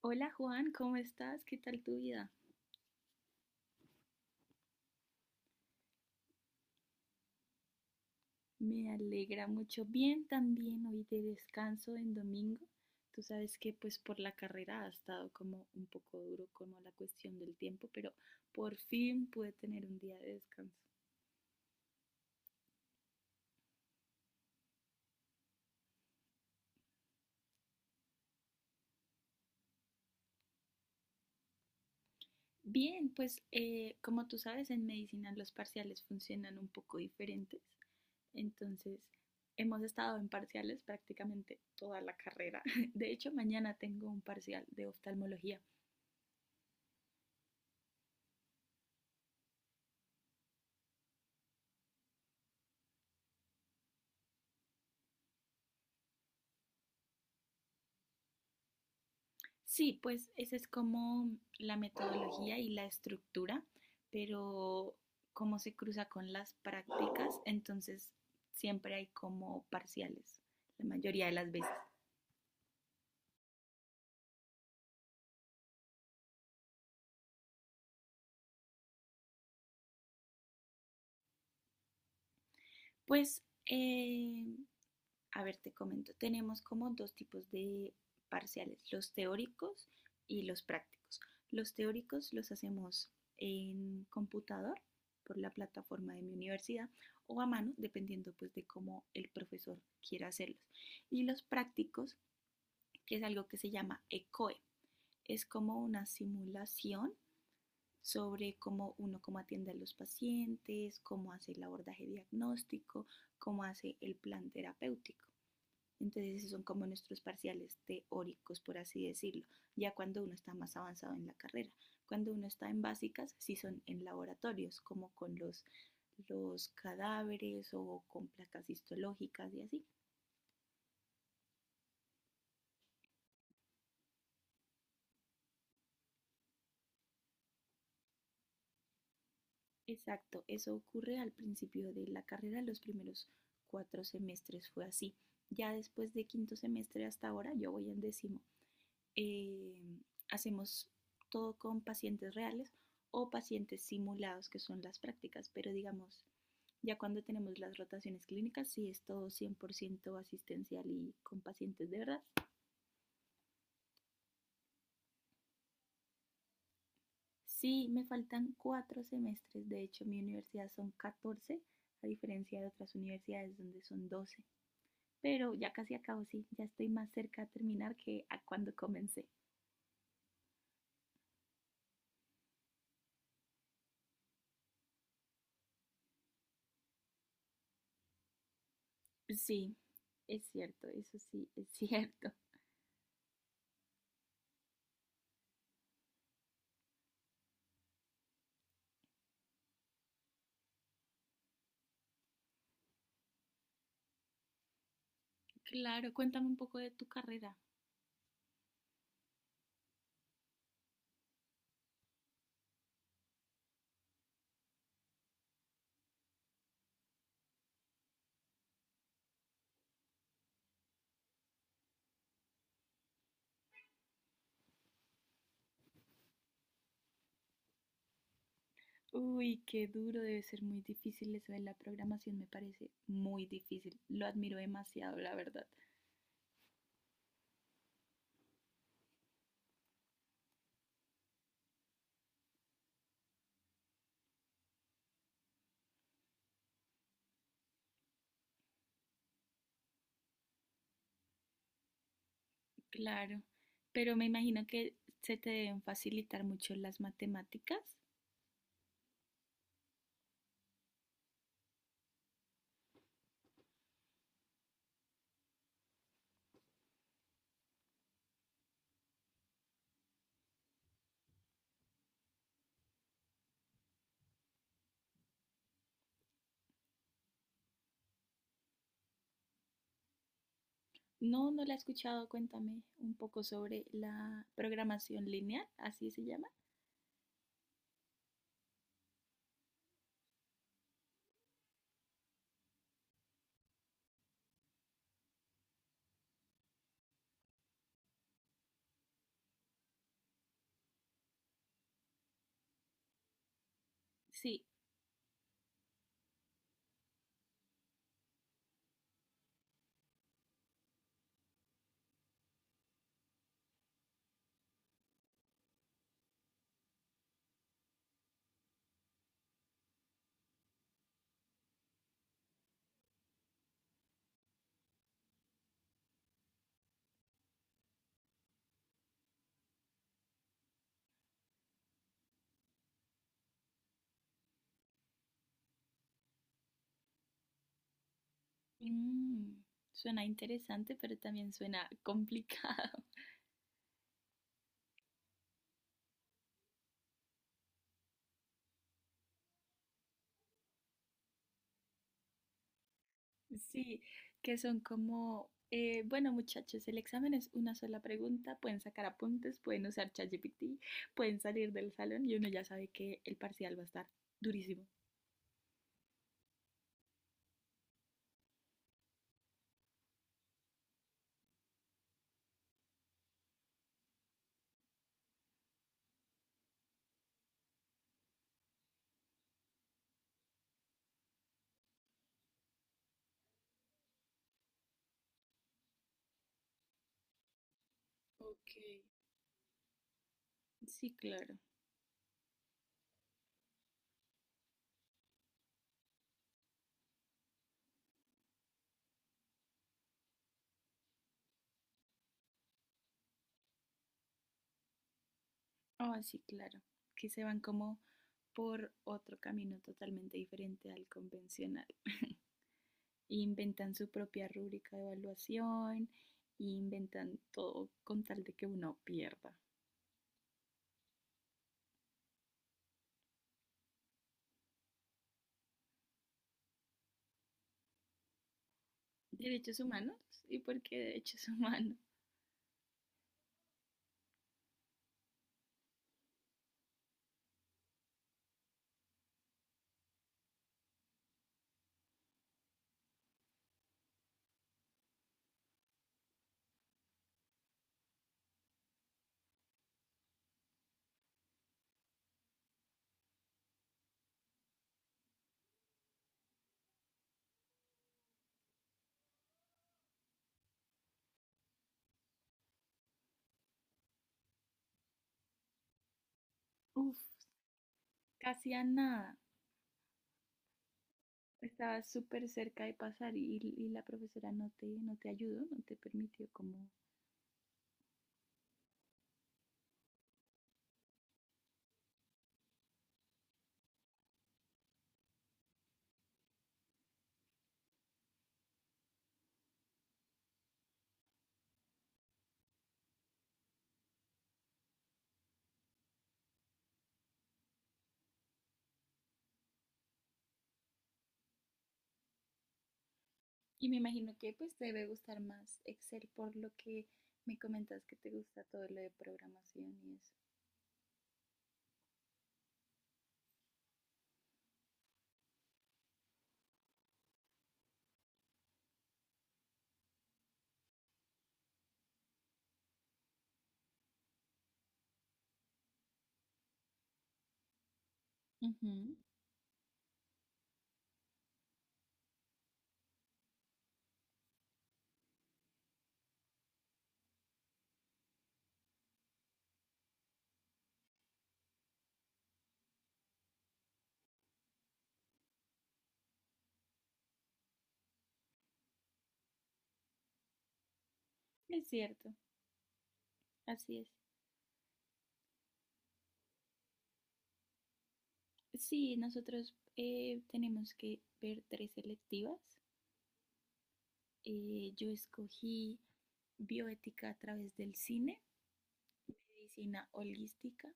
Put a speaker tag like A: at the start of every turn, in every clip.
A: Hola Juan, ¿cómo estás? ¿Qué tal tu vida? Me alegra mucho. Bien, también hoy de descanso en domingo. Tú sabes que pues por la carrera ha estado como un poco duro como la cuestión del tiempo, pero por fin pude tener un día de descanso. Bien, pues como tú sabes, en medicina los parciales funcionan un poco diferentes. Entonces, hemos estado en parciales prácticamente toda la carrera. De hecho, mañana tengo un parcial de oftalmología. Sí, pues esa es como la metodología y la estructura, pero como se cruza con las prácticas, entonces siempre hay como parciales, la mayoría de las veces. Pues eh, A ver, te comento, tenemos como dos tipos de parciales, los teóricos y los prácticos. Los teóricos los hacemos en computador por la plataforma de mi universidad o a mano, dependiendo pues de cómo el profesor quiera hacerlos. Y los prácticos, que es algo que se llama ECOE, es como una simulación sobre cómo uno cómo atiende a los pacientes, cómo hace el abordaje diagnóstico, cómo hace el plan terapéutico. Entonces esos son como nuestros parciales teóricos, por así decirlo, ya cuando uno está más avanzado en la carrera. Cuando uno está en básicas, sí son en laboratorios, como con los cadáveres o con placas histológicas y así. Exacto, eso ocurre al principio de la carrera, los primeros 4 semestres fue así. Ya después de quinto semestre hasta ahora, yo voy en décimo. eh, Hacemos todo con pacientes reales o pacientes simulados, que son las prácticas, pero digamos, ya cuando tenemos las rotaciones clínicas, sí es todo 100% asistencial y con pacientes de verdad. Sí, me faltan 4 semestres, de hecho mi universidad son 14, a diferencia de otras universidades donde son 12, pero ya casi acabo. Sí, ya estoy más cerca de terminar que a cuando comencé. Sí, es cierto, eso sí, es cierto. Claro, cuéntame un poco de tu carrera. Uy, qué duro, debe ser muy difícil eso de la programación, me parece muy difícil. Lo admiro demasiado, la verdad. Claro, pero me imagino que se te deben facilitar mucho las matemáticas. No, no la he escuchado, cuéntame un poco sobre la programación lineal, así se llama. Sí. Mm, suena interesante, pero también suena complicado. Sí, que son como, bueno, muchachos, el examen es una sola pregunta, pueden sacar apuntes, pueden usar ChatGPT, pueden salir del salón y uno ya sabe que el parcial va a estar durísimo. Ok. Sí, claro. Ah, sí, claro. Que se van como por otro camino totalmente diferente al convencional. Inventan su propia rúbrica de evaluación, inventan todo con tal de que uno pierda. Derechos humanos. ¿Y por qué derechos humanos? Uf, casi a nada. Estabas súper cerca de pasar y la profesora no te ayudó, no te permitió como... Y me imagino que pues te debe gustar más Excel por lo que me comentas que te gusta todo lo de programación y eso. Ujú. Es cierto, así es. Sí, nosotros tenemos que ver tres selectivas. Yo escogí bioética a través del cine, medicina holística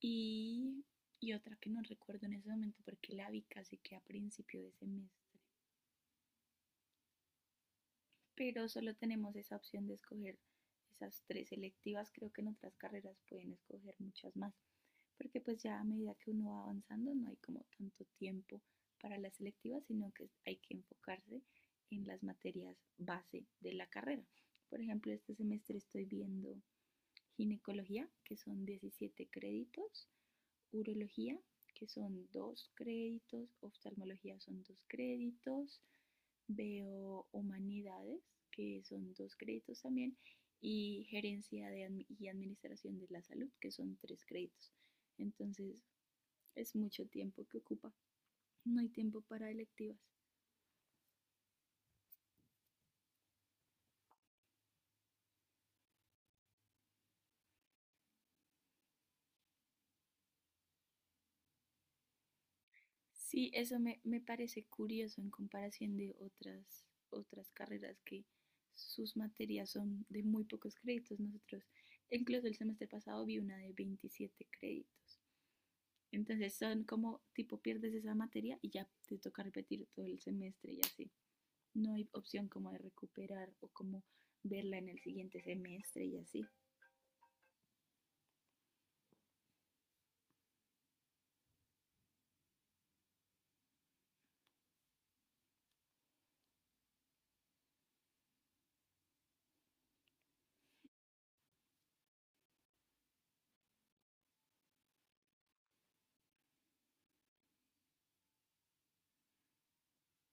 A: y, y otra que no recuerdo en ese momento porque la vi casi que a principio de semestre. Pero solo tenemos esa opción de escoger esas tres selectivas. Creo que en otras carreras pueden escoger muchas más. Porque pues ya a medida que uno va avanzando no hay como tanto tiempo para las selectivas, sino que hay que enfocarse en las materias base de la carrera. Por ejemplo, este semestre estoy viendo ginecología, que son 17 créditos, urología, que son 2 créditos, oftalmología son 2 créditos, veo humanidades, que son 2 créditos también, y gerencia de, y administración de la salud, que son 3 créditos. Entonces, es mucho tiempo que ocupa. No hay tiempo para electivas. Sí, eso me parece curioso en comparación de otras carreras que sus materias son de muy pocos créditos. Nosotros, incluso el semestre pasado, vi una de 27 créditos. Entonces son como tipo pierdes esa materia y ya te toca repetir todo el semestre y así. No hay opción como de recuperar o como verla en el siguiente semestre y así.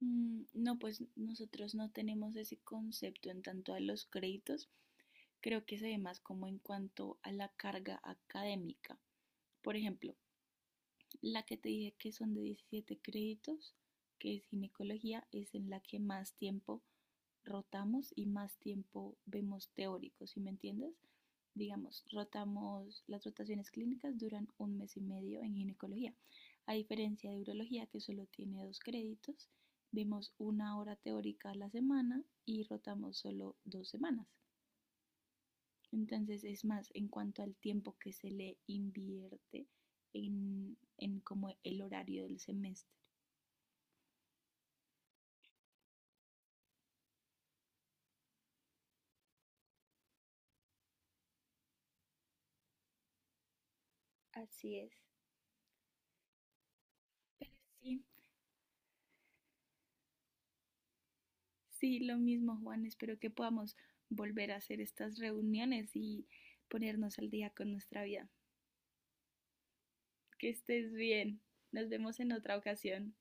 A: Mm, no, pues nosotros no tenemos ese concepto en tanto a los créditos. Creo que se ve más como en cuanto a la carga académica. Por ejemplo, la que te dije que son de 17 créditos, que es ginecología, es en la que más tiempo rotamos y más tiempo vemos teóricos, ¿sí me entiendes? Digamos, rotamos, las rotaciones clínicas duran 1 mes y medio en ginecología. A diferencia de urología, que solo tiene 2 créditos, vemos 1 hora teórica a la semana y rotamos solo 2 semanas. Entonces es más en cuanto al tiempo que se le invierte en como el horario del semestre. Así es. Pero sí, sí, lo mismo Juan, espero que podamos volver a hacer estas reuniones y ponernos al día con nuestra vida. Que estés bien. Nos vemos en otra ocasión.